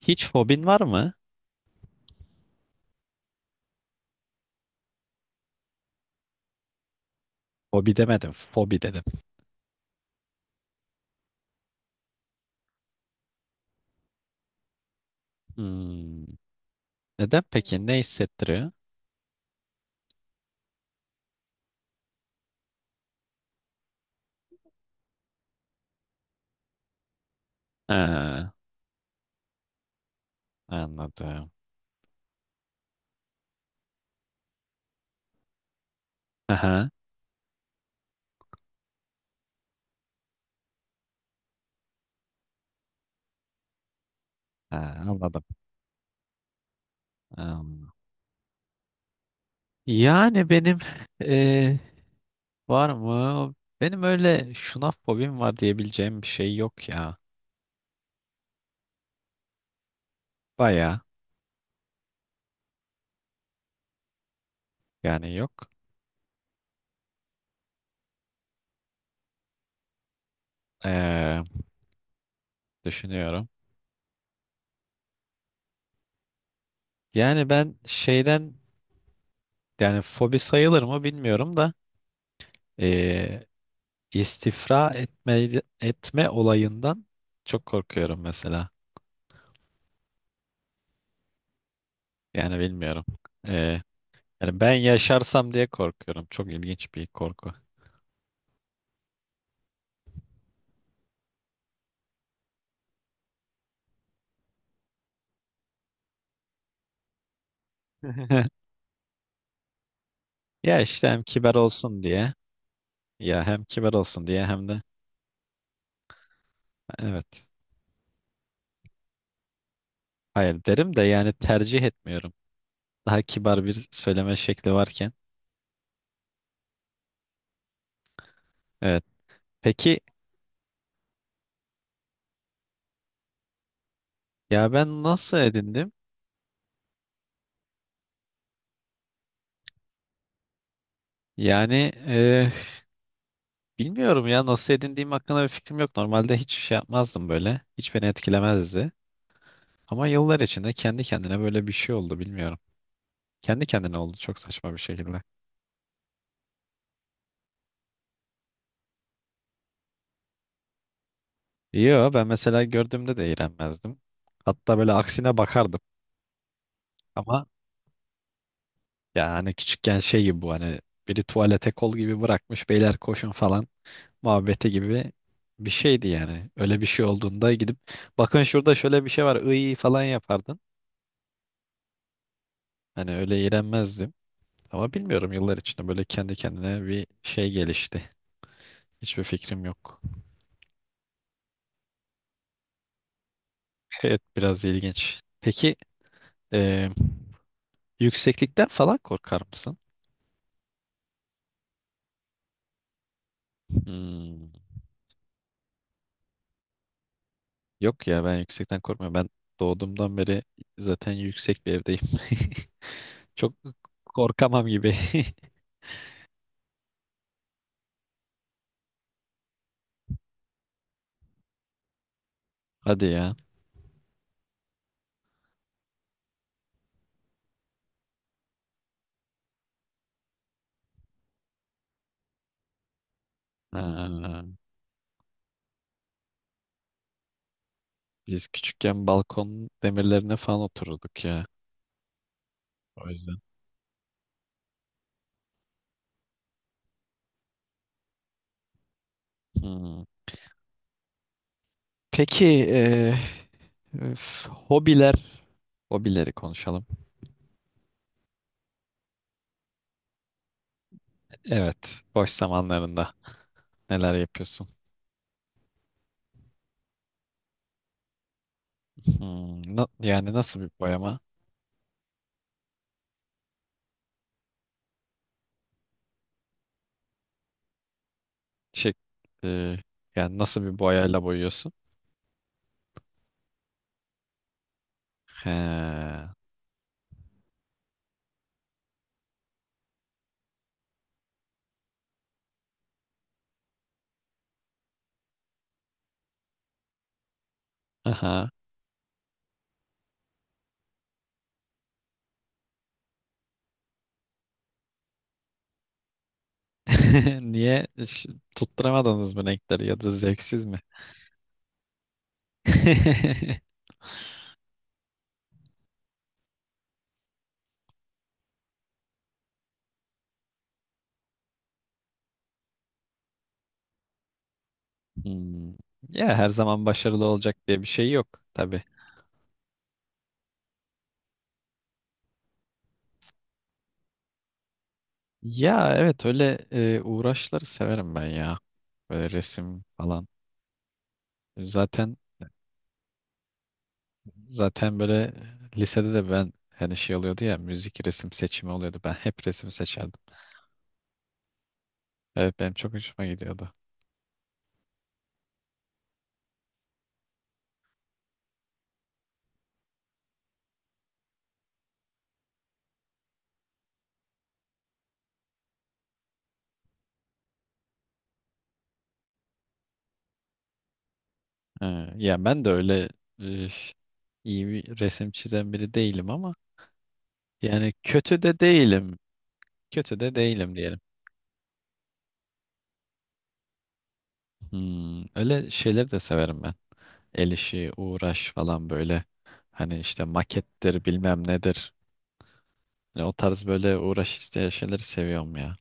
Hiç fobin var mı? Fobi demedim, fobi dedim. Hmm, Neden peki? Ne hissettiriyor? Ha, anladım. Aha, ha, anladım. Hmm. Yani benim eee, var mı? Benim öyle şuna fobim var diyebileceğim bir şey yok ya. Baya yani yok. Eee, düşünüyorum. Yani ben şeyden yani fobi sayılır mı bilmiyorum da eee, İstifra etme, etme olayından çok korkuyorum mesela. Yani bilmiyorum. Ee, yani ben yaşarsam diye korkuyorum. Çok ilginç bir korku. Ya işte hem kibar olsun diye ya hem kibar olsun diye hem de evet hayır derim de yani tercih etmiyorum. Daha kibar bir söyleme şekli varken. Evet. Peki ya ben nasıl edindim? Yani eh, bilmiyorum ya nasıl edindiğim hakkında bir fikrim yok. Normalde hiç şey yapmazdım böyle. Hiç beni etkilemezdi. Ama yıllar içinde kendi kendine böyle bir şey oldu bilmiyorum. Kendi kendine oldu çok saçma bir şekilde. Yo ben mesela gördüğümde de iğrenmezdim. Hatta böyle aksine bakardım. Ama ya hani küçükken şey gibi bu hani biri tuvalete kol gibi bırakmış beyler koşun falan muhabbeti gibi bir şeydi yani. Öyle bir şey olduğunda gidip bakın şurada şöyle bir şey var iyi falan yapardın. Hani öyle iğrenmezdim. Ama bilmiyorum yıllar içinde böyle kendi kendine bir şey gelişti. Hiçbir fikrim yok. Evet, biraz ilginç. Peki, Ee, yükseklikten falan korkar mısın? Hmm, Yok ya ben yüksekten korkmuyorum. Ben doğduğumdan beri zaten yüksek bir evdeyim. Çok korkamam gibi. Hadi ya. Ha, biz küçükken balkon demirlerine falan otururduk ya. O yüzden. Hmm. Peki, üf, hobileri konuşalım. Evet, boş zamanlarında neler yapıyorsun? Yani nasıl bir boyama? Şey, e, yani nasıl bir boyayla boyuyorsun? He. Aha. Niye hiç tutturamadınız mı renkleri ya da zevksiz mi? Hmm. Ya her zaman başarılı olacak diye bir şey yok tabii. Ya evet öyle uğraşları severim ben ya. Böyle resim falan. Zaten zaten böyle lisede de ben hani şey oluyordu ya müzik resim seçimi oluyordu. Ben hep resim seçerdim. Evet, benim çok hoşuma gidiyordu. Ha, ya ben de öyle üf, iyi bir resim çizen biri değilim ama yani kötü de değilim. Kötü de değilim diyelim. Öyle şeyleri de severim ben. El işi, uğraş falan böyle. Hani işte makettir bilmem nedir. Yani o tarz böyle uğraş isteyen şeyleri seviyorum ya.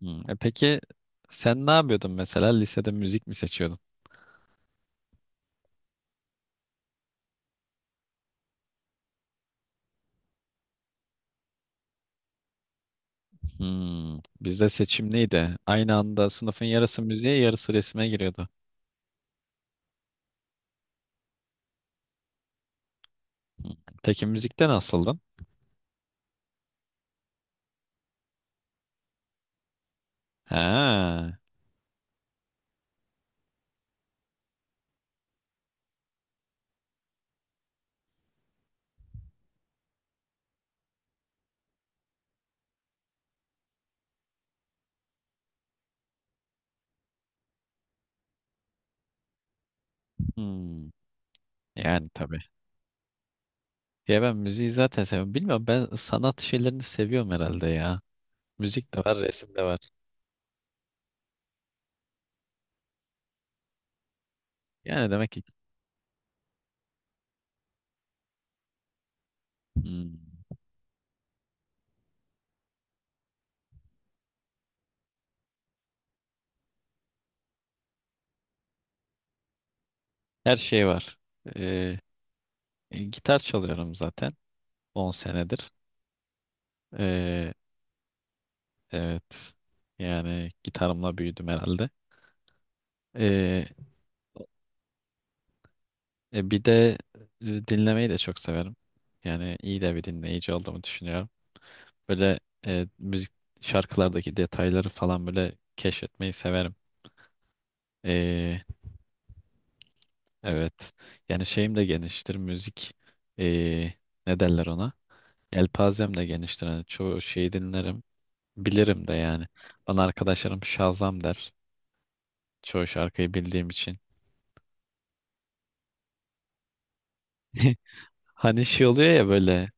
Peki sen ne yapıyordun mesela? Lisede müzik mi seçiyordun? Bizde seçim neydi? Aynı anda sınıfın yarısı müziğe, yarısı resme giriyordu. Hmm, Peki müzikte nasıldın? Ha. hmm, Yani tabii. Ya ben müziği zaten seviyorum. Bilmiyorum ben sanat şeylerini seviyorum herhalde ya. Müzik de var, resim de var. Yani demek ki. Hmm. Her şey var. Ee, Gitar çalıyorum zaten 10 senedir. Ee, evet. Yani gitarımla büyüdüm herhalde. Ee, Bir de dinlemeyi de çok severim. Yani iyi de bir dinleyici olduğumu düşünüyorum. Böyle müzik şarkılardaki detayları falan böyle keşfetmeyi severim. Ee, evet. Yani şeyim de geniştir. Müzik e, ne derler ona? Elpazem de geniştir. Yani çoğu şeyi dinlerim. Bilirim de yani. Bana arkadaşlarım Şazam der. Çoğu şarkıyı bildiğim için. Hani şey oluyor ya böyle.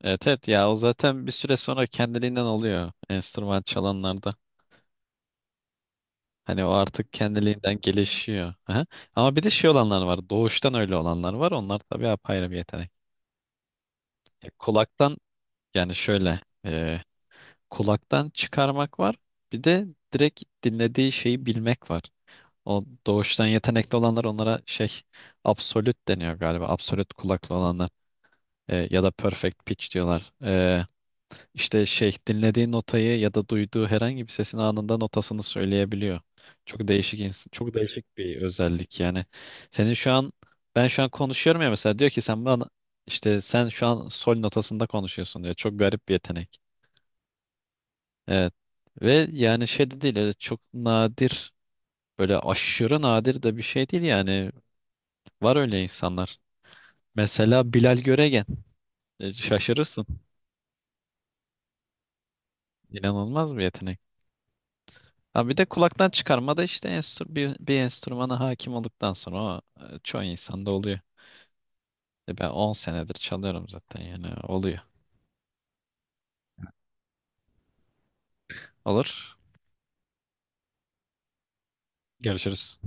Evet, evet ya o zaten bir süre sonra kendiliğinden oluyor. Enstrüman çalanlarda. Hani o artık kendiliğinden gelişiyor. Aha. Ama bir de şey olanlar var. Doğuştan öyle olanlar var. Onlar tabii apayrı bir yetenek. Kulaktan yani şöyle. e, Kulaktan çıkarmak var. Bir de direkt dinlediği şeyi bilmek var. O doğuştan yetenekli olanlar onlara şey absolut deniyor galiba. Absolut kulaklı olanlar, ya da perfect pitch diyorlar. İşte şey dinlediği notayı ya da duyduğu herhangi bir sesin anında notasını söyleyebiliyor. Çok değişik bir özellik yani. Senin şu an ben şu an konuşuyorum ya mesela, diyor ki sen bana işte sen şu an sol notasında konuşuyorsun diyor. Çok garip bir yetenek. Evet. Ve yani şey de değil, öyle çok nadir, böyle aşırı nadir de bir şey değil yani. Var öyle insanlar. Mesela Bilal Göregen. Şaşırırsın. İnanılmaz bir yetenek. Ha bir de kulaktan çıkarma da işte bir enstrümana hakim olduktan sonra o çoğu insanda oluyor. Ben 10 senedir çalıyorum zaten yani oluyor. Olur. Görüşürüz.